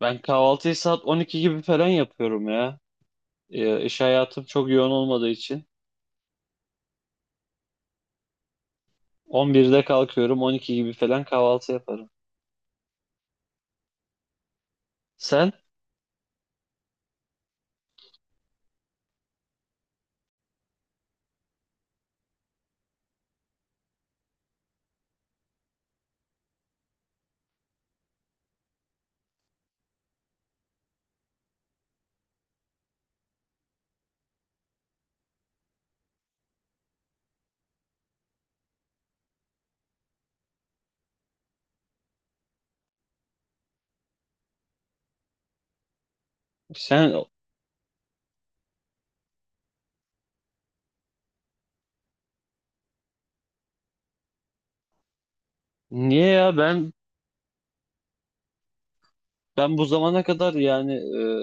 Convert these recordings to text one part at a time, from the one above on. Ben kahvaltıyı saat 12 gibi falan yapıyorum ya. İş hayatım çok yoğun olmadığı için. 11'de kalkıyorum, 12 gibi falan kahvaltı yaparım. Sen? Sen niye ya? Ben bu zamana kadar yani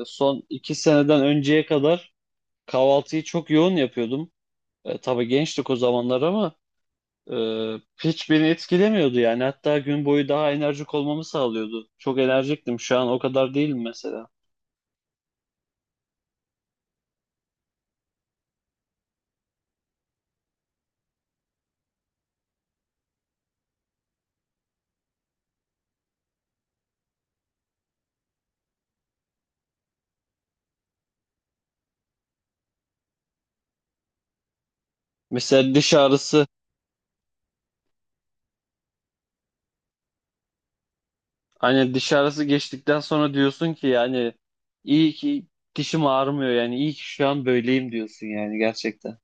son 2 seneden önceye kadar kahvaltıyı çok yoğun yapıyordum. E, tabii gençtik o zamanlar ama e, hiç beni etkilemiyordu yani. Hatta gün boyu daha enerjik olmamı sağlıyordu. Çok enerjiktim. Şu an o kadar değilim mesela. Mesela diş ağrısı. Hani diş ağrısı geçtikten sonra diyorsun ki yani iyi ki dişim ağrımıyor, yani iyi ki şu an böyleyim diyorsun yani gerçekten.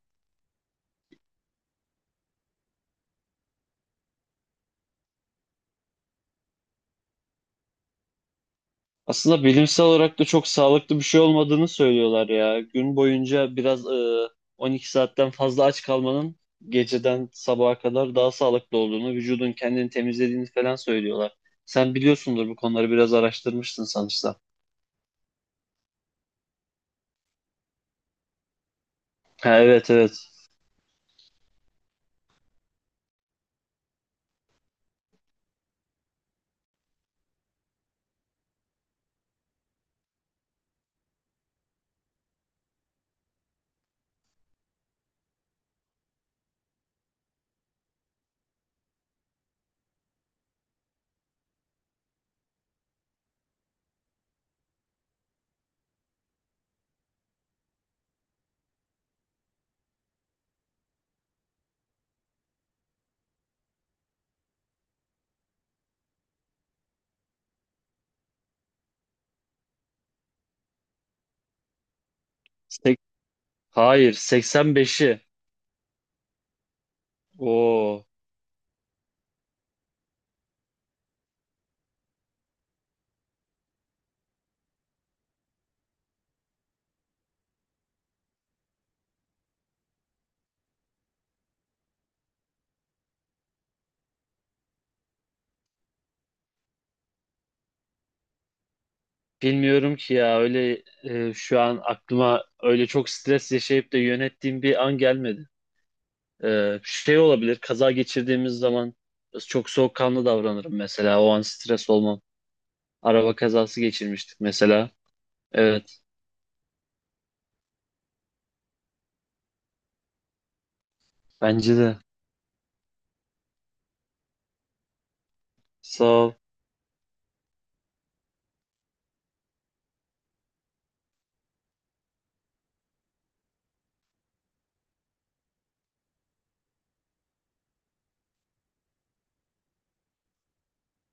Aslında bilimsel olarak da çok sağlıklı bir şey olmadığını söylüyorlar ya. Gün boyunca biraz 12 saatten fazla aç kalmanın geceden sabaha kadar daha sağlıklı olduğunu, vücudun kendini temizlediğini falan söylüyorlar. Sen biliyorsundur, bu konuları biraz araştırmıştın sanırsam. Ha, evet evet. Sek- Hayır, 85'i. Oo. Bilmiyorum ki ya, öyle şu an aklıma öyle çok stres yaşayıp da yönettiğim bir an gelmedi. E, şey olabilir, kaza geçirdiğimiz zaman çok soğukkanlı davranırım mesela, o an stres olmam. Araba kazası geçirmiştik mesela. Evet, bence de. Sağ ol.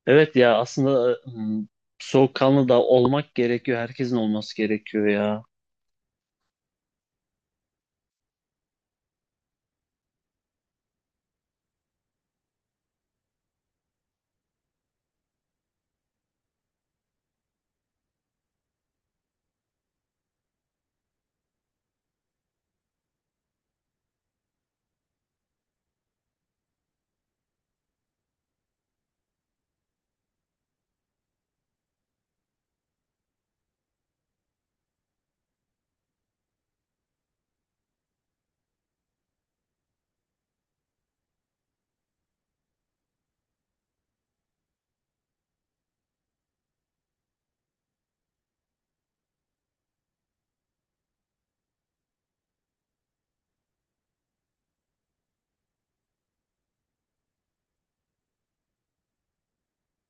Evet ya, aslında soğukkanlı da olmak gerekiyor, herkesin olması gerekiyor ya.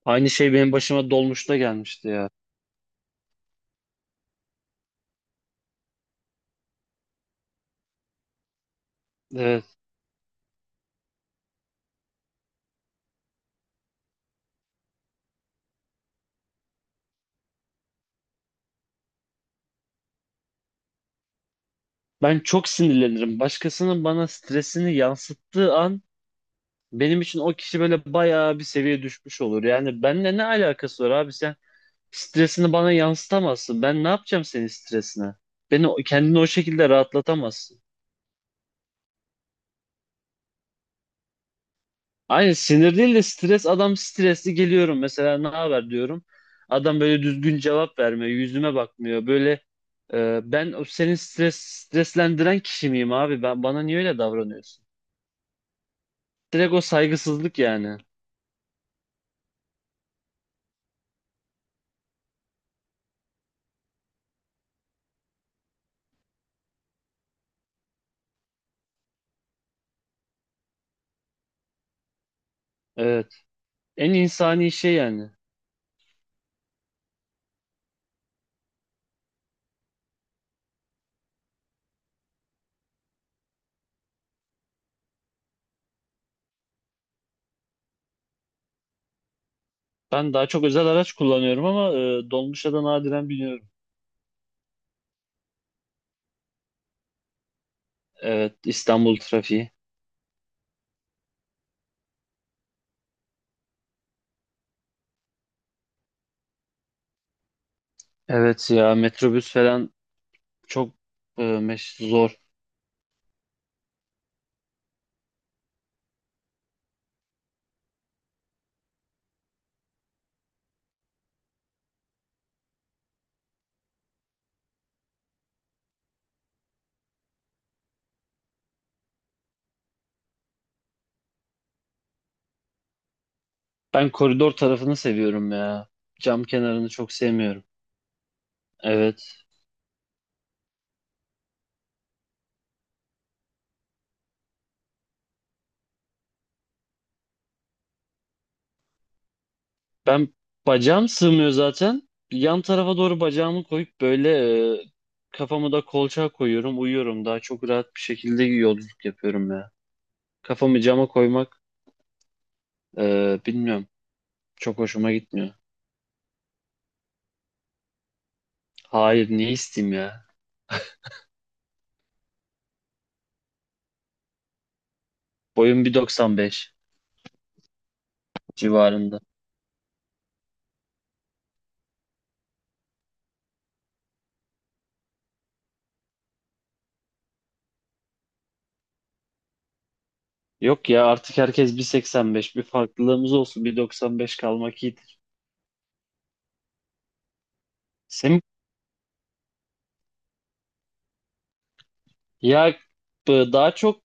Aynı şey benim başıma dolmuşta gelmişti ya. Evet. Ben çok sinirlenirim. Başkasının bana stresini yansıttığı an benim için o kişi böyle bayağı bir seviye düşmüş olur. Yani benimle ne alakası var abi? Sen stresini bana yansıtamazsın. Ben ne yapacağım senin stresine? Kendini o şekilde rahatlatamazsın. Aynı sinir değil de stres. Adam stresli, geliyorum mesela, ne haber diyorum. Adam böyle düzgün cevap vermiyor. Yüzüme bakmıyor. Böyle ben o senin streslendiren kişi miyim abi? Ben, bana niye öyle davranıyorsun? Direkt o saygısızlık yani. Evet. En insani şey yani. Ben daha çok özel araç kullanıyorum ama dolmuşa da nadiren biniyorum. Evet, İstanbul trafiği. Evet ya, metrobüs falan çok zor. Ben koridor tarafını seviyorum ya. Cam kenarını çok sevmiyorum. Evet. Ben, bacağım sığmıyor zaten. Yan tarafa doğru bacağımı koyup böyle e, kafamı da kolçağa koyuyorum, uyuyorum. Daha çok rahat bir şekilde yolculuk yapıyorum ya. Kafamı cama koymak bilmiyorum. Çok hoşuma gitmiyor. Hayır, ne isteyeyim ya? Boyum 1.95 civarında. Yok ya, artık herkes 1.85, bir farklılığımız olsun, 1.95 kalmak iyidir. Senin ya, daha çok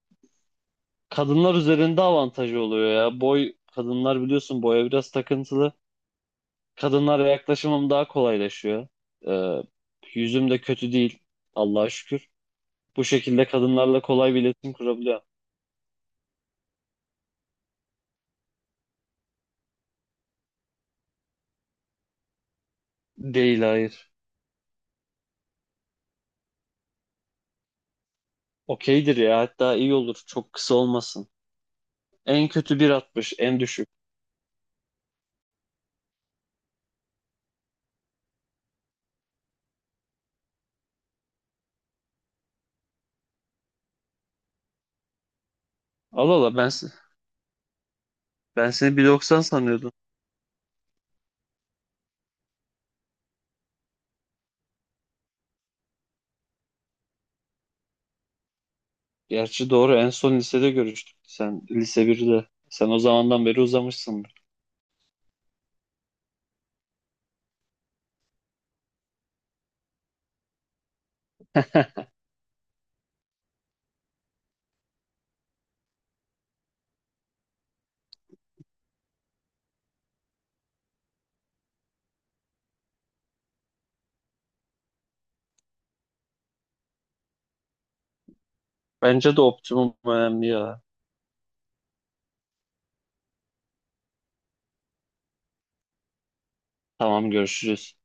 kadınlar üzerinde avantajı oluyor ya. Boy, kadınlar biliyorsun boya biraz takıntılı. Kadınlara yaklaşımım daha kolaylaşıyor. Ee, yüzüm de kötü değil, Allah'a şükür. Bu şekilde kadınlarla kolay bir iletişim kurabiliyor. Değil, hayır. Okeydir ya, hatta iyi olur, çok kısa olmasın. En kötü 1.60 en düşük. Allah Allah, ben seni 1.90 sanıyordum. Gerçi doğru, en son lisede görüştük. Sen lise 1'de. Sen o zamandan beri uzamışsındır. Bence de optimum önemli ya. Tamam, görüşürüz.